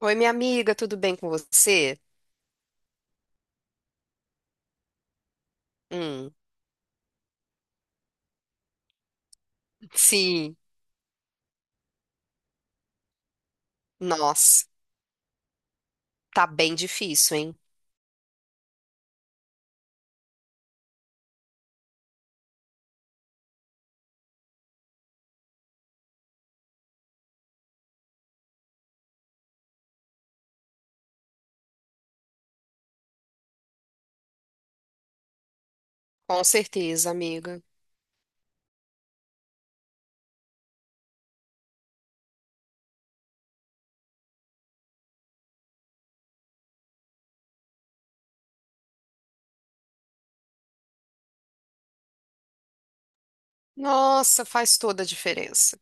Oi, minha amiga, tudo bem com você? Hum, sim. Nossa, tá bem difícil, hein? Com certeza, amiga. Nossa, faz toda a diferença.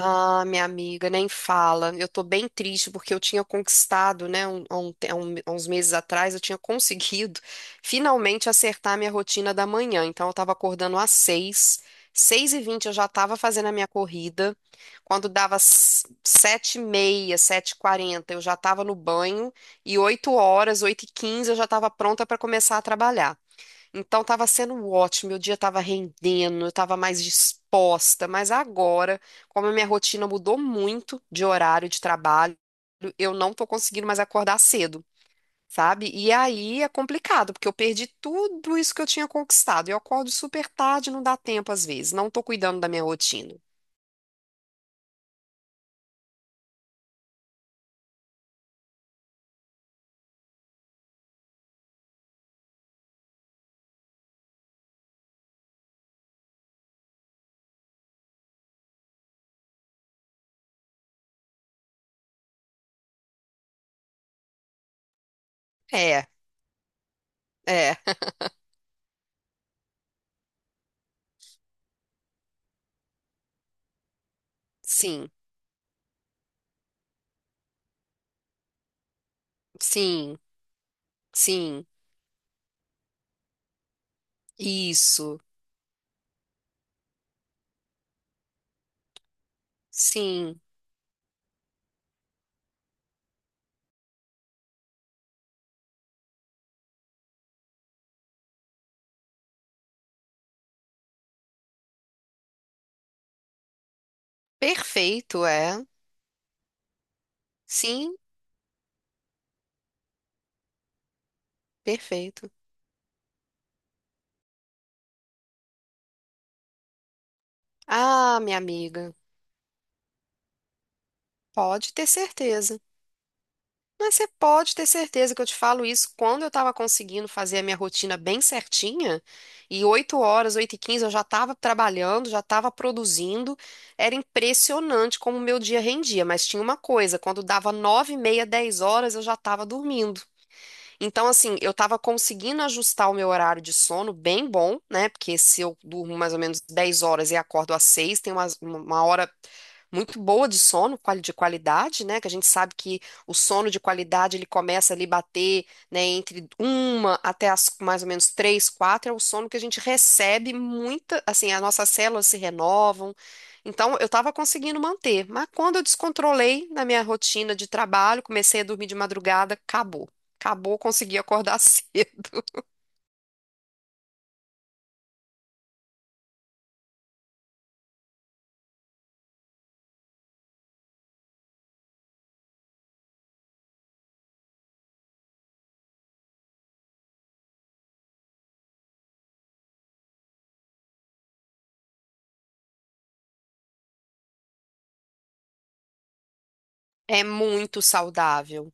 Ah, minha amiga, nem fala. Eu tô bem triste porque eu tinha conquistado, né, um- há um te- há um- há uns meses atrás, eu tinha conseguido finalmente acertar a minha rotina da manhã. Então, eu tava acordando às 6h, 6h20 eu já tava fazendo a minha corrida. Quando dava 7h30, 7h40, eu já tava no banho e 8h, 8h15, eu já tava pronta para começar a trabalhar. Então estava sendo ótimo, meu dia estava rendendo, eu estava mais disposta, mas agora, como a minha rotina mudou muito de horário de trabalho, eu não tô conseguindo mais acordar cedo, sabe? E aí é complicado, porque eu perdi tudo isso que eu tinha conquistado. Eu acordo super tarde, não dá tempo às vezes, não tô cuidando da minha rotina. É, é, sim, sim, sim, isso, sim, perfeito, é, sim, perfeito. Ah, minha amiga. Pode ter certeza. Mas você pode ter certeza que eu te falo isso quando eu estava conseguindo fazer a minha rotina bem certinha, e 8h, 8h15, eu já estava trabalhando, já estava produzindo. Era impressionante como o meu dia rendia, mas tinha uma coisa, quando dava 9h30, 10h eu já estava dormindo. Então, assim, eu tava conseguindo ajustar o meu horário de sono bem bom, né? Porque se eu durmo mais ou menos 10 horas e acordo às 6h, tem uma hora muito boa de sono, de qualidade, né? Que a gente sabe que o sono de qualidade ele começa ali bater, né, entre uma até as mais ou menos três, quatro, é o sono que a gente recebe muita, assim, as nossas células se renovam. Então, eu estava conseguindo manter, mas quando eu descontrolei na minha rotina de trabalho, comecei a dormir de madrugada, acabou. Acabou, consegui acordar cedo. É muito saudável.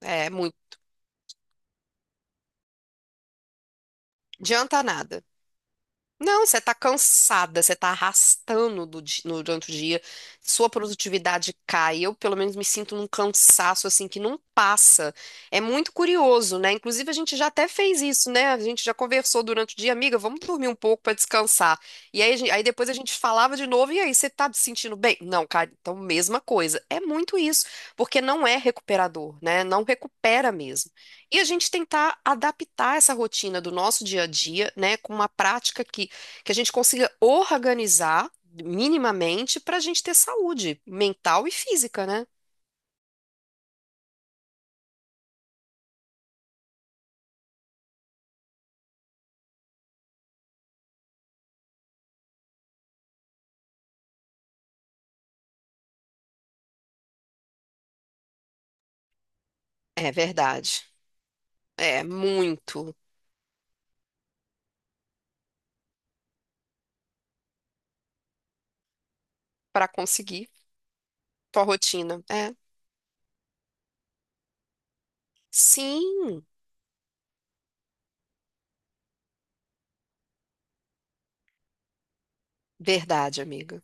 É muito. Adianta nada. Não, você tá cansada, você tá arrastando do di- no- durante o dia, sua produtividade cai. Eu, pelo menos, me sinto num cansaço assim que não passa. É muito curioso, né? Inclusive, a gente já até fez isso, né? A gente já conversou durante o dia, amiga, vamos dormir um pouco pra descansar. E aí, aí depois a gente falava de novo, e aí, você tá se sentindo bem? Não, cara, então mesma coisa. É muito isso, porque não é recuperador, né? Não recupera mesmo. E a gente tentar adaptar essa rotina do nosso dia a dia, né, com uma prática que a gente consiga organizar minimamente para a gente ter saúde mental e física, né? É verdade. É muito para conseguir tua rotina. É. Sim, verdade, amiga.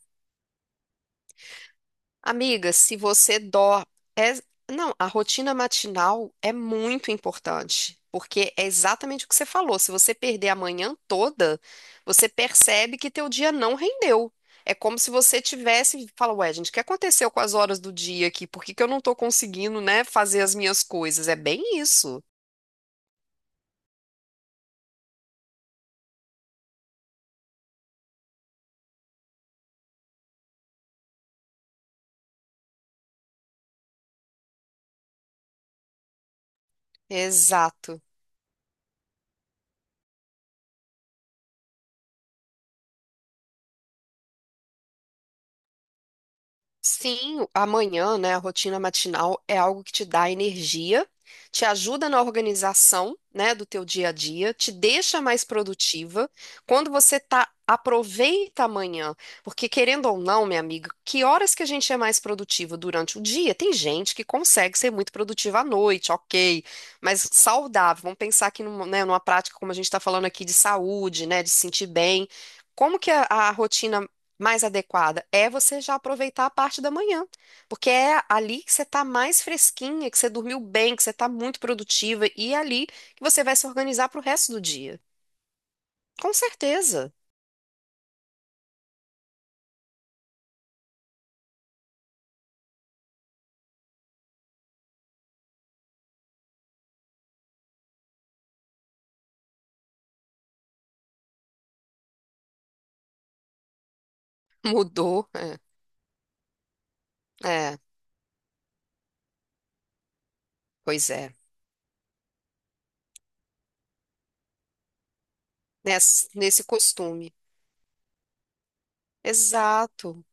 Amiga, se você dó, é... não, a rotina matinal é muito importante, porque é exatamente o que você falou. Se você perder a manhã toda, você percebe que teu dia não rendeu. É como se você tivesse, fala, ué, gente, o que aconteceu com as horas do dia aqui? Por que que eu não tô conseguindo, né, fazer as minhas coisas? É bem isso. Exato. Sim, amanhã, né, a rotina matinal é algo que te dá energia, te ajuda na organização, né, do teu dia a dia, te deixa mais produtiva. Quando você tá, aproveita amanhã, porque querendo ou não, minha amiga, que horas que a gente é mais produtiva durante o dia? Tem gente que consegue ser muito produtiva à noite, ok, mas saudável. Vamos pensar aqui numa, né, numa prática como a gente está falando aqui de saúde, né, de se sentir bem. Como que a rotina mais adequada é você já aproveitar a parte da manhã, porque é ali que você está mais fresquinha, que você dormiu bem, que você está muito produtiva e é ali que você vai se organizar para o resto do dia. Com certeza. Mudou. É, é, pois é. Nesse costume. Exato.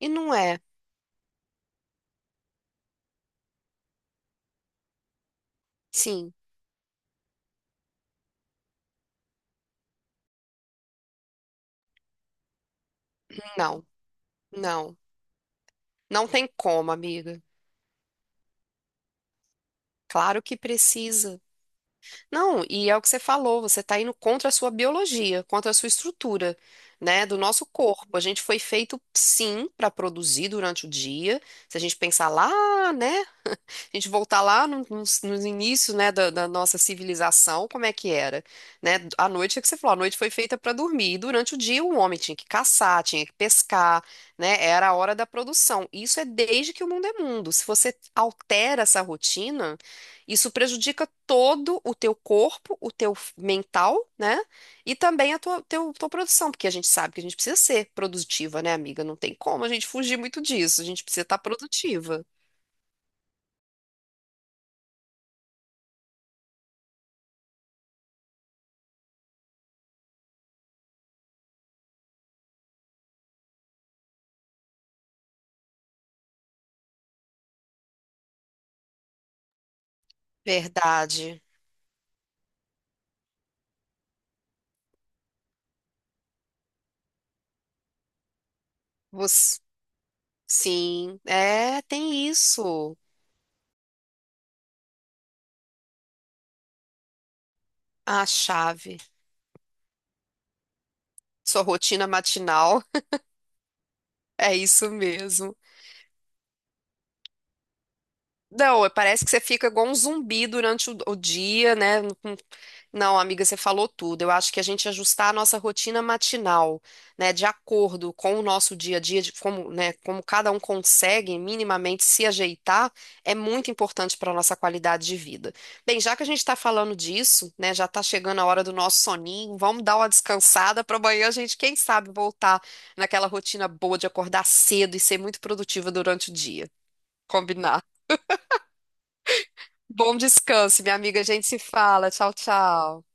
E não é. Sim, não, não. Não tem como, amiga. Claro que precisa. Não, e é o que você falou, você está indo contra a sua biologia, contra a sua estrutura, né, do nosso corpo. A gente foi feito, sim, para produzir durante o dia. Se a gente pensar lá, né, a gente voltar lá nos inícios, né, da nossa civilização, como é que era, né? A noite é que você falou, a noite foi feita para dormir. E durante o dia o homem tinha que caçar, tinha que pescar, né? Era a hora da produção. Isso é desde que o mundo é mundo. Se você altera essa rotina, isso prejudica todo o teu corpo, o teu mental, né? E também a tua produção, porque a gente sabe que a gente precisa ser produtiva, né, amiga? Não tem como a gente fugir muito disso. A gente precisa estar produtiva. Verdade. Você- Sim, é, tem isso. A chave, sua rotina matinal, é isso mesmo. Não, parece que você fica igual um zumbi durante o dia, né? Não, amiga, você falou tudo. Eu acho que a gente ajustar a nossa rotina matinal, né, de acordo com o nosso dia a dia, de como, né, como cada um consegue minimamente se ajeitar, é muito importante para a nossa qualidade de vida. Bem, já que a gente está falando disso, né, já está chegando a hora do nosso soninho, vamos dar uma descansada para amanhã a gente, quem sabe, voltar naquela rotina boa de acordar cedo e ser muito produtiva durante o dia. Combinar. Bom descanso, minha amiga. A gente se fala. Tchau, tchau.